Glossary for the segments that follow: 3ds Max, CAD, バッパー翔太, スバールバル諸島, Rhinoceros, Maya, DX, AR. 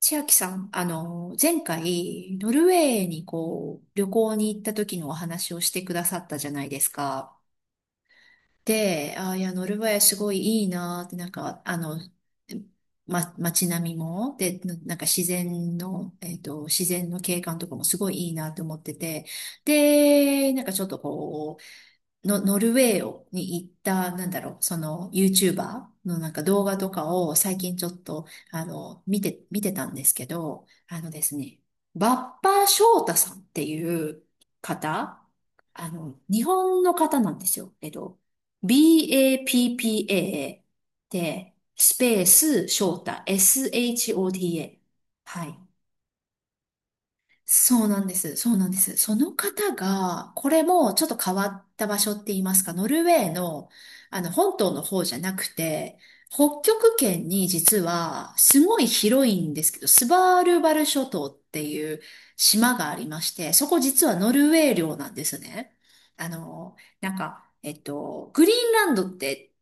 千秋さん、前回、ノルウェーに旅行に行った時のお話をしてくださったじゃないですか。で、ノルウェーすごいいいなって、街並みも、で、なんか自然の、自然の景観とかもすごいいいなって思ってて、で、なんかちょっとこう、の、ノルウェーをに行った、なんだろう、その、YouTuber のなんか動画とかを最近ちょっと、見てたんですけど、あのですね、バッパー翔太さんっていう方、日本の方なんですよ。えっと、BAPPA で、スペース翔太、SHOTA。はい。そうなんです。そうなんです。その方が、これもちょっと変わった場所って言いますか、ノルウェーの、本島の方じゃなくて、北極圏に、実は、すごい広いんですけど、スバールバル諸島っていう島がありまして、そこ実はノルウェー領なんですね。グリーンランドって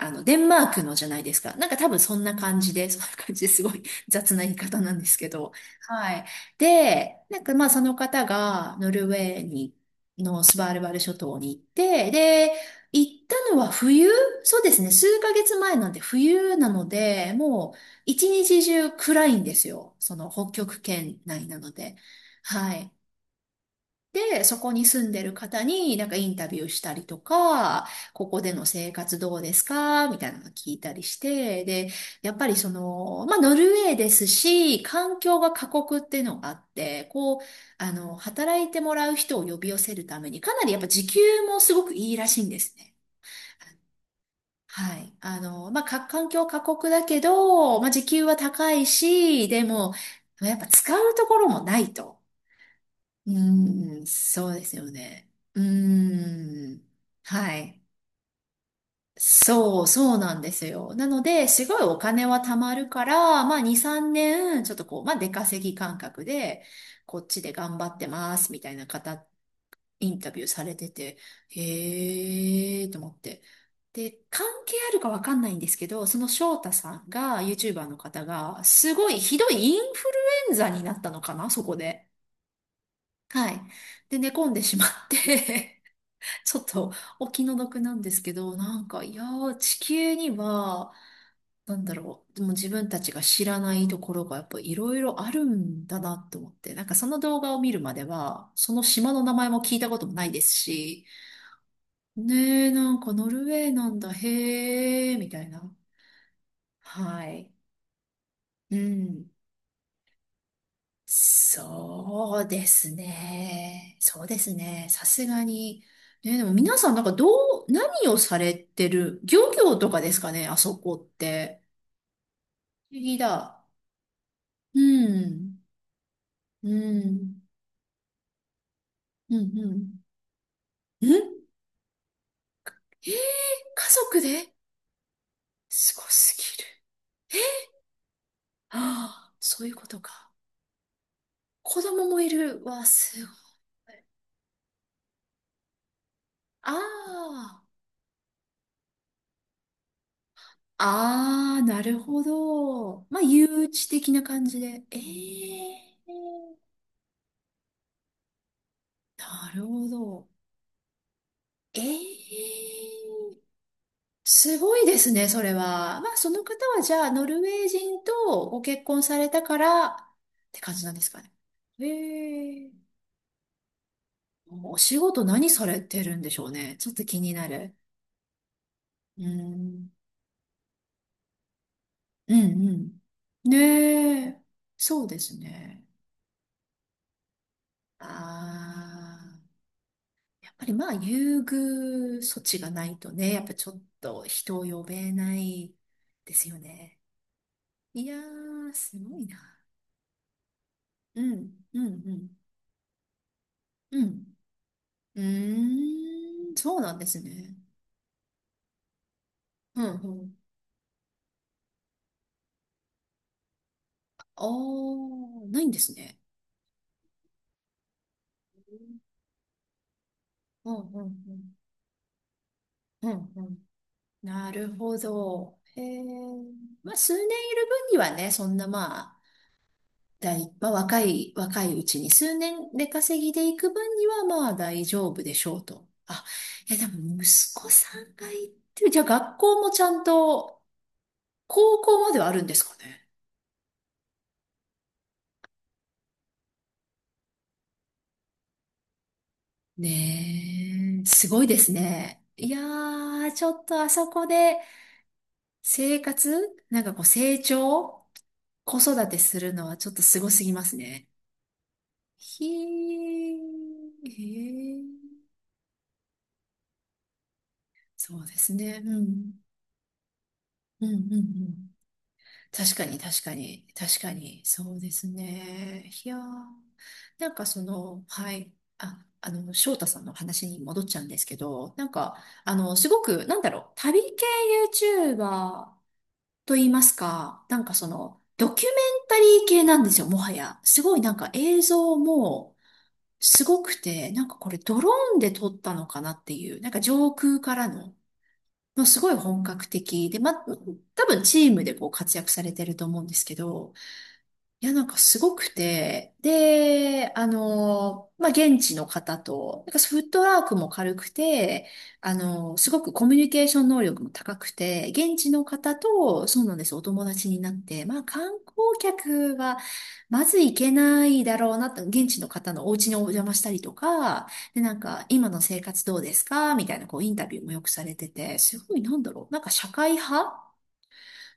デンマークのじゃないですか。なんか多分そんな感じで、そんな感じですごい 雑な言い方なんですけど。はい。で、まあその方がノルウェーに、のスバルバル諸島に行って、で、行ったのは冬そうですね。数ヶ月前なんで冬なので、もう一日中暗いんですよ。その北極圏内なので。はい。で、そこに住んでる方になんかインタビューしたりとか、ここでの生活どうですかみたいなの聞いたりして、で、やっぱりその、まあ、ノルウェーですし、環境が過酷っていうのがあって、働いてもらう人を呼び寄せるために、かなりやっぱ時給もすごくいいらしいんですね。はい。環境過酷だけど、まあ、時給は高いし、でも、やっぱ使うところもないと。うーん、そうですよね。うーん、はい。そうなんですよ。なので、すごいお金は貯まるから、まあ2、3年、ちょっとこう、まあ出稼ぎ感覚で、こっちで頑張ってます、みたいな方、インタビューされてて、へーと思って。で、関係あるかわかんないんですけど、その翔太さんが、YouTuber の方が、すごいひどいインフルエンザになったのかな、そこで。はい。で、寝込んでしまって ちょっとお気の毒なんですけど、いやー、地球には、なんだろう、でも自分たちが知らないところがやっぱいろいろあるんだなと思って、なんかその動画を見るまでは、その島の名前も聞いたこともないですし、ねえ、なんかノルウェーなんだ、へえ、みたいな。はい。うん。そうですね。そうですね。さすがに。ね、でも皆さんなんかどう、何をされてる、漁業とかですかね、あそこって。不思議だ。うん。うん。うん。うん。うんえー、家族ですごすぎる。ああ、そういうことか。子供もいる。わ、すごい。ああ。ああ、なるほど。まあ、誘致的な感じで。ええなるほど。ええーすごいですね、それは。まあ、その方はじゃあ、ノルウェー人とご結婚されたからって感じなんですかね。ええお仕事何されてるんでしょうね。ちょっと気になる。うん。うんうん。ねえ。そうですね。ああ、やっぱりまあ、優遇措置がないとね、やっぱちょっと人を呼べないですよね。いやー、すごいな。うん、うん、うん、うん。うーん、そうなんですね。うん、うん。あー、ないんですね。うん、うん、うん、うん、うん。なるほど。へえ。まあ、数年いる分にはね、そんなまあ、大、まあ、若い、若いうちに、数年で稼ぎでいく分にはまあ大丈夫でしょうと。あ、いや、でも息子さんがいってる、じゃあ学校もちゃんと、高校まではあるんですかね。ねえ、すごいですね。いやー、ちょっとあそこで生活、なんかこう成長、子育てするのはちょっとすごすぎますね。ひー、へー、そうですね。うん。うんうんうん。確かに、確かに、確かに、そうですね。いやー、なんかその、はい、翔太さんの話に戻っちゃうんですけど、すごく、なんだろう、旅系 YouTuber と言いますか、なんかその、ドキュメンタリー系なんですよ、もはや。すごいなんか映像もすごくて、なんかこれドローンで撮ったのかなっていう、なんか上空からの、もうすごい本格的で、ま、多分チームでこう活躍されてると思うんですけど、いや、なんかすごくて、で、現地の方と、なんかフットワークも軽くて、あの、すごくコミュニケーション能力も高くて、現地の方と、そうなんです、お友達になって、まあ、観光客は、まず行けないだろうなと、現地の方のお家にお邪魔したりとか、で、なんか、今の生活どうですかみたいな、こう、インタビューもよくされてて、すごい、なんだろう、なんか社会派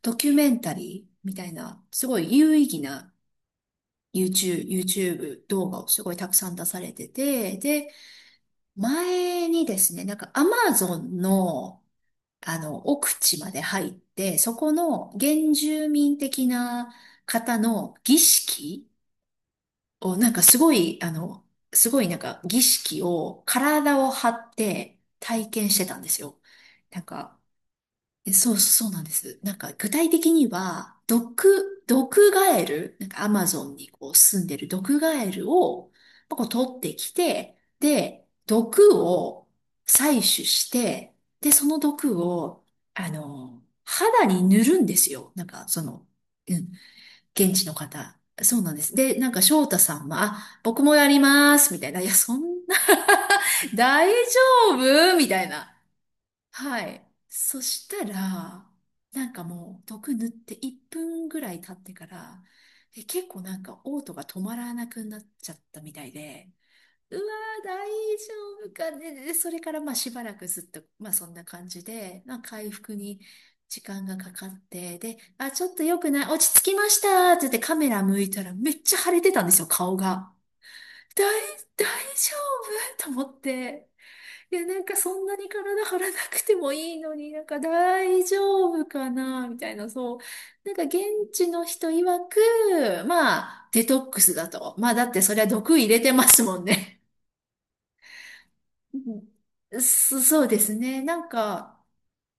ドキュメンタリーみたいな、すごい有意義な YouTube 動画をすごいたくさん出されてて、で、前にですね、なんか Amazon の、あの、奥地まで入って、そこの原住民的な方の儀式を、すごいなんか儀式を体を張って体験してたんですよ。なんか、そうなんです。なんか具体的には、毒ガエル、なんかアマゾンにこう住んでる毒ガエルをまあこう取ってきて、で、毒を採取して、で、その毒を、あの、肌に塗るんですよ。なんかその、うん、現地の方。そうなんです。で、なんか翔太さんは、あ、僕もやります、みたいな。いや、そんな、大丈夫みたいな。はい。そしたら、なんかもう、毒塗って1分ぐらい経ってから、結構なんか、嘔吐が止まらなくなっちゃったみたいで、うわー、大丈夫かね。で、それからまあしばらくずっと、まあそんな感じで、まあ回復に時間がかかって、で、あ、ちょっと良くない、落ち着きましたって言ってカメラ向いたらめっちゃ腫れてたんですよ、顔が。大、大丈夫と思って。で、なんかそんなに体張らなくてもいいのに、なんか大丈夫かなみたいな、そう。なんか現地の人曰く、まあ、デトックスだと。まあ、だってそれは毒入れてますもんね。そうですね。なんか、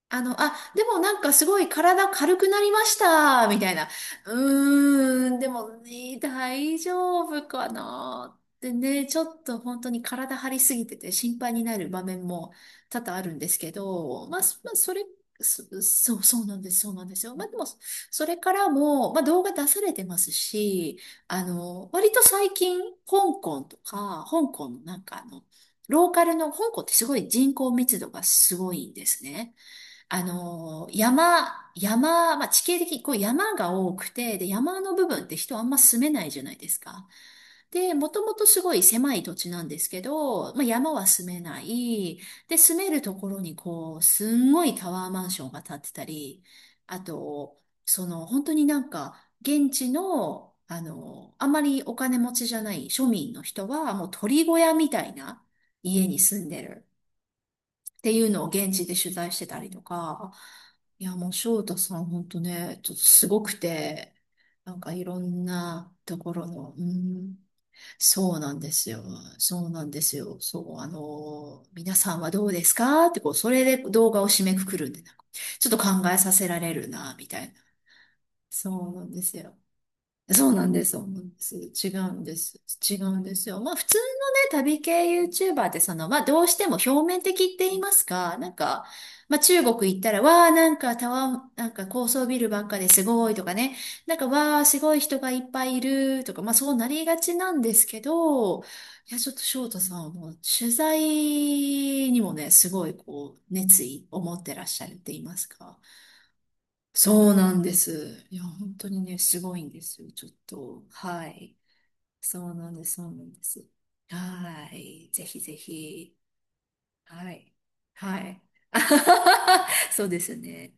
あの、あ、でもなんかすごい体軽くなりました、みたいな。うーん、でもね、大丈夫かなってね、ちょっと本当に体張りすぎてて心配になる場面も多々あるんですけど、まあ、そまあ、それ、そ、そう、そうなんです、そうなんですよ。まあ、でも、それからも、まあ、動画出されてますし、あの、割と最近、香港のなんかあの、ローカルの、香港ってすごい人口密度がすごいんですね。山、まあ、地形的にこう山が多くて、で、山の部分って人あんま住めないじゃないですか。で、もともとすごい狭い土地なんですけど、まあ、山は住めない。で、住めるところにこう、すんごいタワーマンションが建ってたり、あと、その、本当になんか、現地の、あの、あまりお金持ちじゃない庶民の人は、もう鳥小屋みたいな家に住んでる。ていうのを現地で取材してたりとか、いや、もう翔太さん本当ね、ちょっとすごくて、なんかいろんなところの、うん、そうなんですよ。そうなんですよ。そう、あの、皆さんはどうですかってこう、それで動画を締めくくるんで、なんかちょっと考えさせられるな、みたいな。そうなんですよ。そうなんです、そうなんです。違うんです。違うんですよ。まあ普通のね、旅系 YouTuber ってその、まあどうしても表面的って言いますか、なんか、まあ中国行ったら、わあなんかタワー、なんか高層ビルばっかですごいとかね、なんかわあすごい人がいっぱいいるとか、まあそうなりがちなんですけど、いやちょっと翔太さんはもう取材にもね、すごいこう熱意を持ってらっしゃるって言いますか。そうなんです。いや、本当にね、すごいんですよ。ちょっと、はい。そうなんです、そうなんです。はい。ぜひぜひ。はい。はい。そうですね。